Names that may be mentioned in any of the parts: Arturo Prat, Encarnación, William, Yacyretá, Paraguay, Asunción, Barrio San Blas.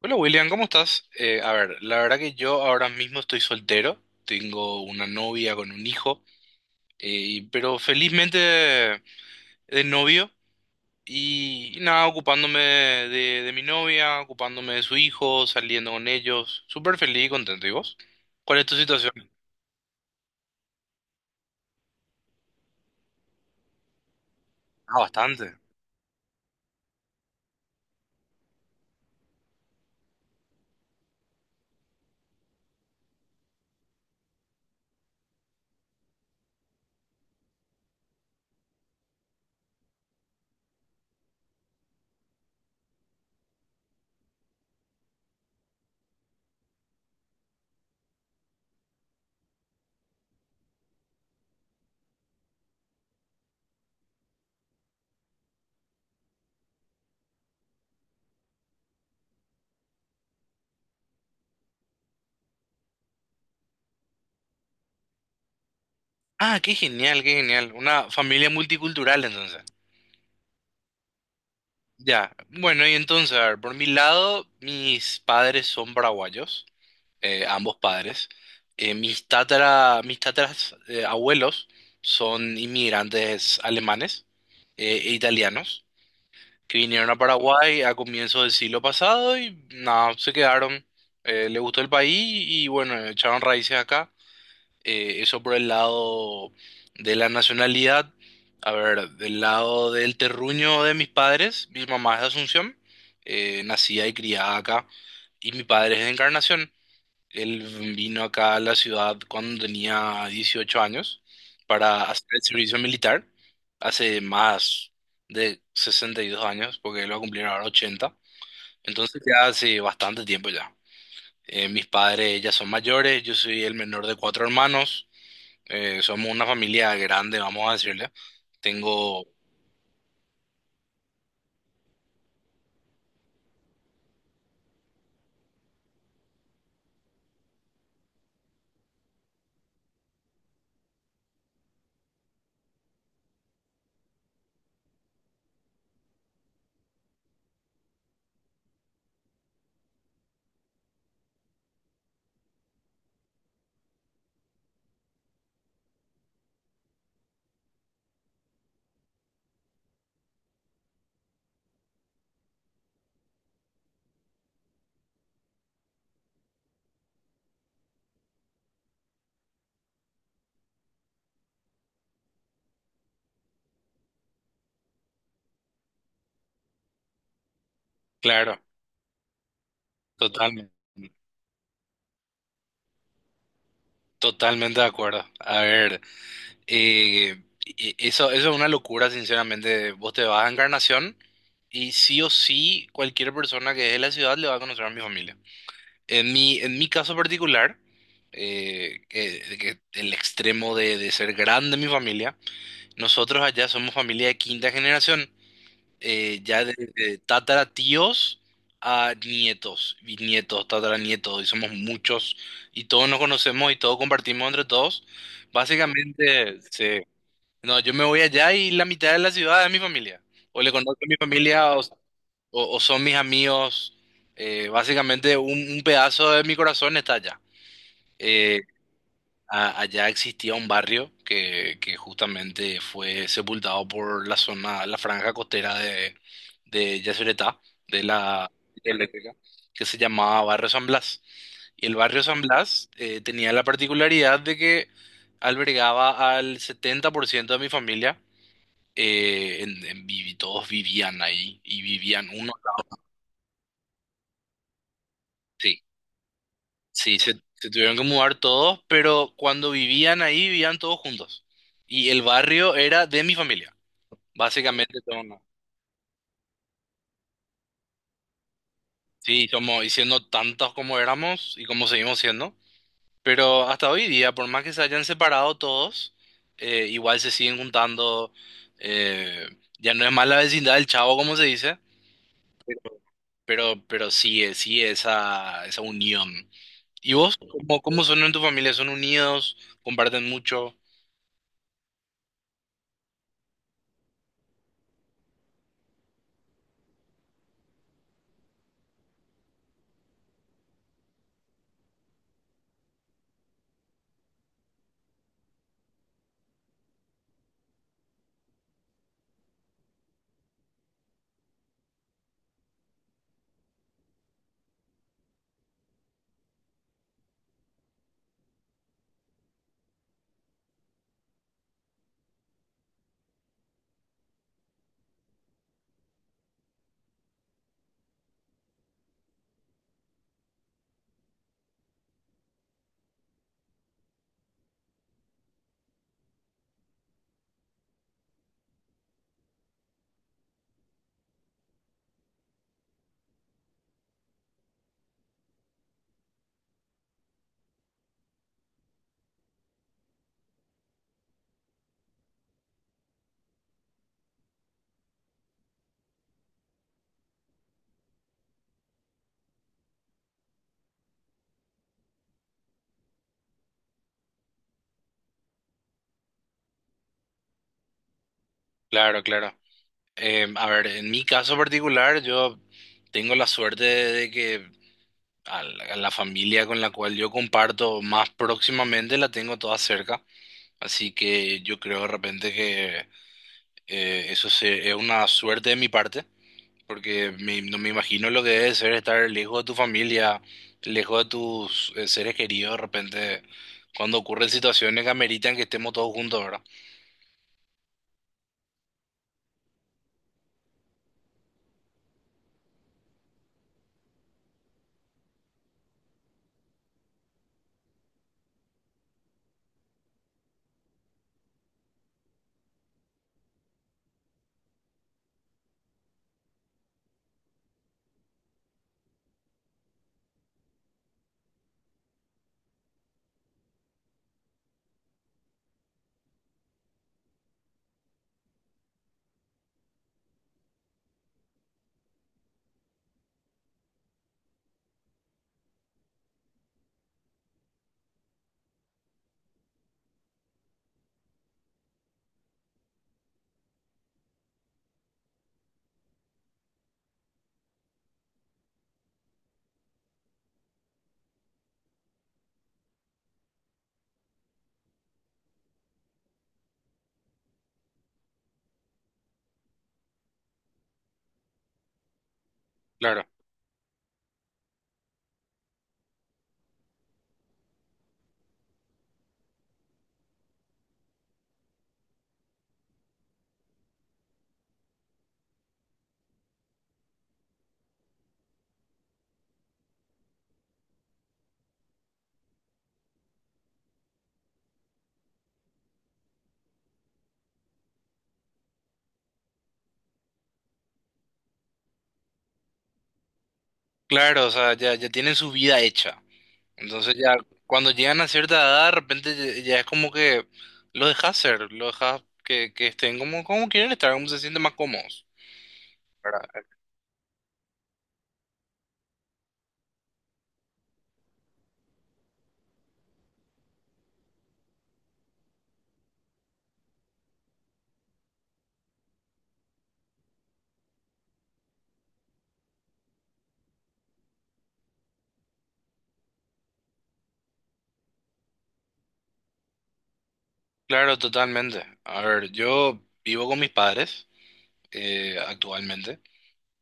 Hola William, ¿cómo estás? A ver, la verdad que yo ahora mismo estoy soltero, tengo una novia con un hijo, pero felizmente de novio y, nada, ocupándome de mi novia, ocupándome de su hijo, saliendo con ellos, súper feliz y contento. ¿Y vos? ¿Cuál es tu situación? Ah, bastante. Ah, qué genial, qué genial. Una familia multicultural entonces. Ya, bueno, y entonces, a ver, por mi lado, mis padres son paraguayos, ambos padres. Mis mis tataras abuelos son inmigrantes alemanes e italianos que vinieron a Paraguay a comienzos del siglo pasado y nada, se quedaron. Les gustó el país y bueno, echaron raíces acá. Eso por el lado de la nacionalidad. A ver, del lado del terruño de mis padres, mi mamá es de Asunción, nacida y criada acá, y mi padre es de Encarnación. Él vino acá a la ciudad cuando tenía 18 años para hacer el servicio militar, hace más de 62 años, porque él va a cumplir ahora 80. Entonces ya hace bastante tiempo ya. Mis padres ya son mayores, yo soy el menor de cuatro hermanos, somos una familia grande, vamos a decirle. Tengo, claro, totalmente, totalmente de acuerdo. A ver. Eso es una locura, sinceramente. Vos te vas a Encarnación y sí o sí cualquier persona que es de la ciudad le va a conocer a mi familia. En mi caso particular, que el extremo de ser grande mi familia, nosotros allá somos familia de quinta generación, ya de tatara tíos a nietos, y nietos, tatara, y somos muchos, y todos nos conocemos y todos compartimos entre todos. Básicamente, sí. No, yo me voy allá y la mitad de la ciudad es mi familia. O le conozco a mi familia o son mis amigos. Básicamente un pedazo de mi corazón está allá. Eh, a- allá existía un barrio que justamente fue sepultado por la zona, la franja costera de Yacyretá, de la eléctrica, que se llamaba Barrio San Blas. Y el barrio San Blas tenía la particularidad de que albergaba al 70% de mi familia, todos vivían ahí y vivían uno. Sí, sí, se tuvieron que mudar todos, pero cuando vivían ahí vivían todos juntos. Y el barrio era de mi familia, básicamente todo, ¿no? Sí, somos, y siendo tantos como éramos y como seguimos siendo, pero hasta hoy día, por más que se hayan separado todos, igual se siguen juntando. Eh, ya no es más la vecindad del chavo, como se dice. Pero sí, sí, esa unión. ¿Y vos? ¿Cómo, cómo son en tu familia? ¿Son unidos? ¿Comparten mucho? Claro, claro. A ver, en mi caso particular, yo tengo la suerte de, que a a la familia con la cual yo comparto más próximamente la tengo toda cerca. Así que yo creo de repente que es una suerte de mi parte. Porque no me imagino lo que debe ser estar lejos de tu familia, lejos de tus seres queridos de repente, cuando ocurren situaciones que ameritan que estemos todos juntos, ¿verdad? Claro. Claro, o sea, ya, ya tienen su vida hecha. Entonces ya cuando llegan a cierta edad, de repente ya, ya es como que lo dejas ser, lo dejas que estén como, como quieren estar, como se sienten más cómodos. ¿Verdad? Claro, totalmente. A ver, yo vivo con mis padres actualmente.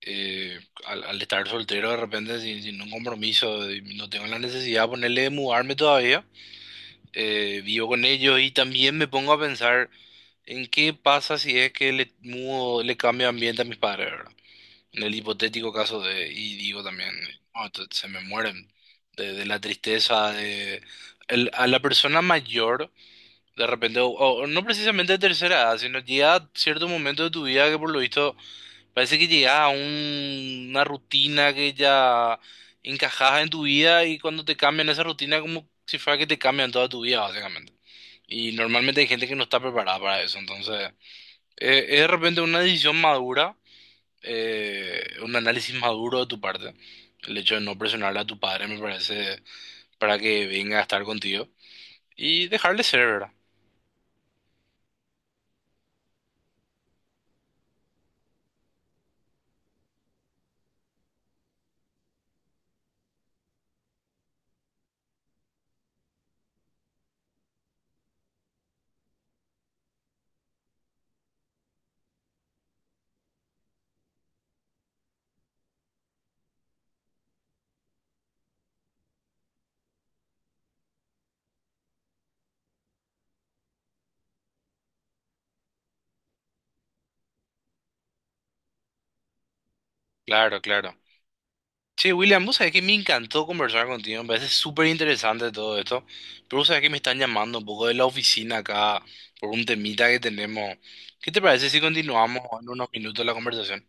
Eh, al, al estar soltero de repente sin un compromiso, y no tengo la necesidad de ponerle de mudarme todavía, vivo con ellos y también me pongo a pensar en qué pasa si es que le mudo, le cambio de ambiente a mis padres, ¿verdad? En el hipotético caso de, y digo también, "No, se me mueren de la tristeza, a la persona mayor, de repente, o no precisamente de tercera edad, sino llega cierto momento de tu vida que por lo visto parece que llegas a una rutina que ya encajaba en tu vida y cuando te cambian esa rutina, como si fuera que te cambian toda tu vida, básicamente. Y normalmente hay gente que no está preparada para eso, entonces es de repente una decisión madura, un análisis maduro de tu parte. El hecho de no presionarle a tu padre me parece, para que venga a estar contigo, y dejarle ser, ¿verdad? Claro, claro. Che, William, vos sabés que me encantó conversar contigo, me parece súper interesante todo esto, pero vos sabés que me están llamando un poco de la oficina acá por un temita que tenemos. ¿Qué te parece si continuamos en unos minutos la conversación?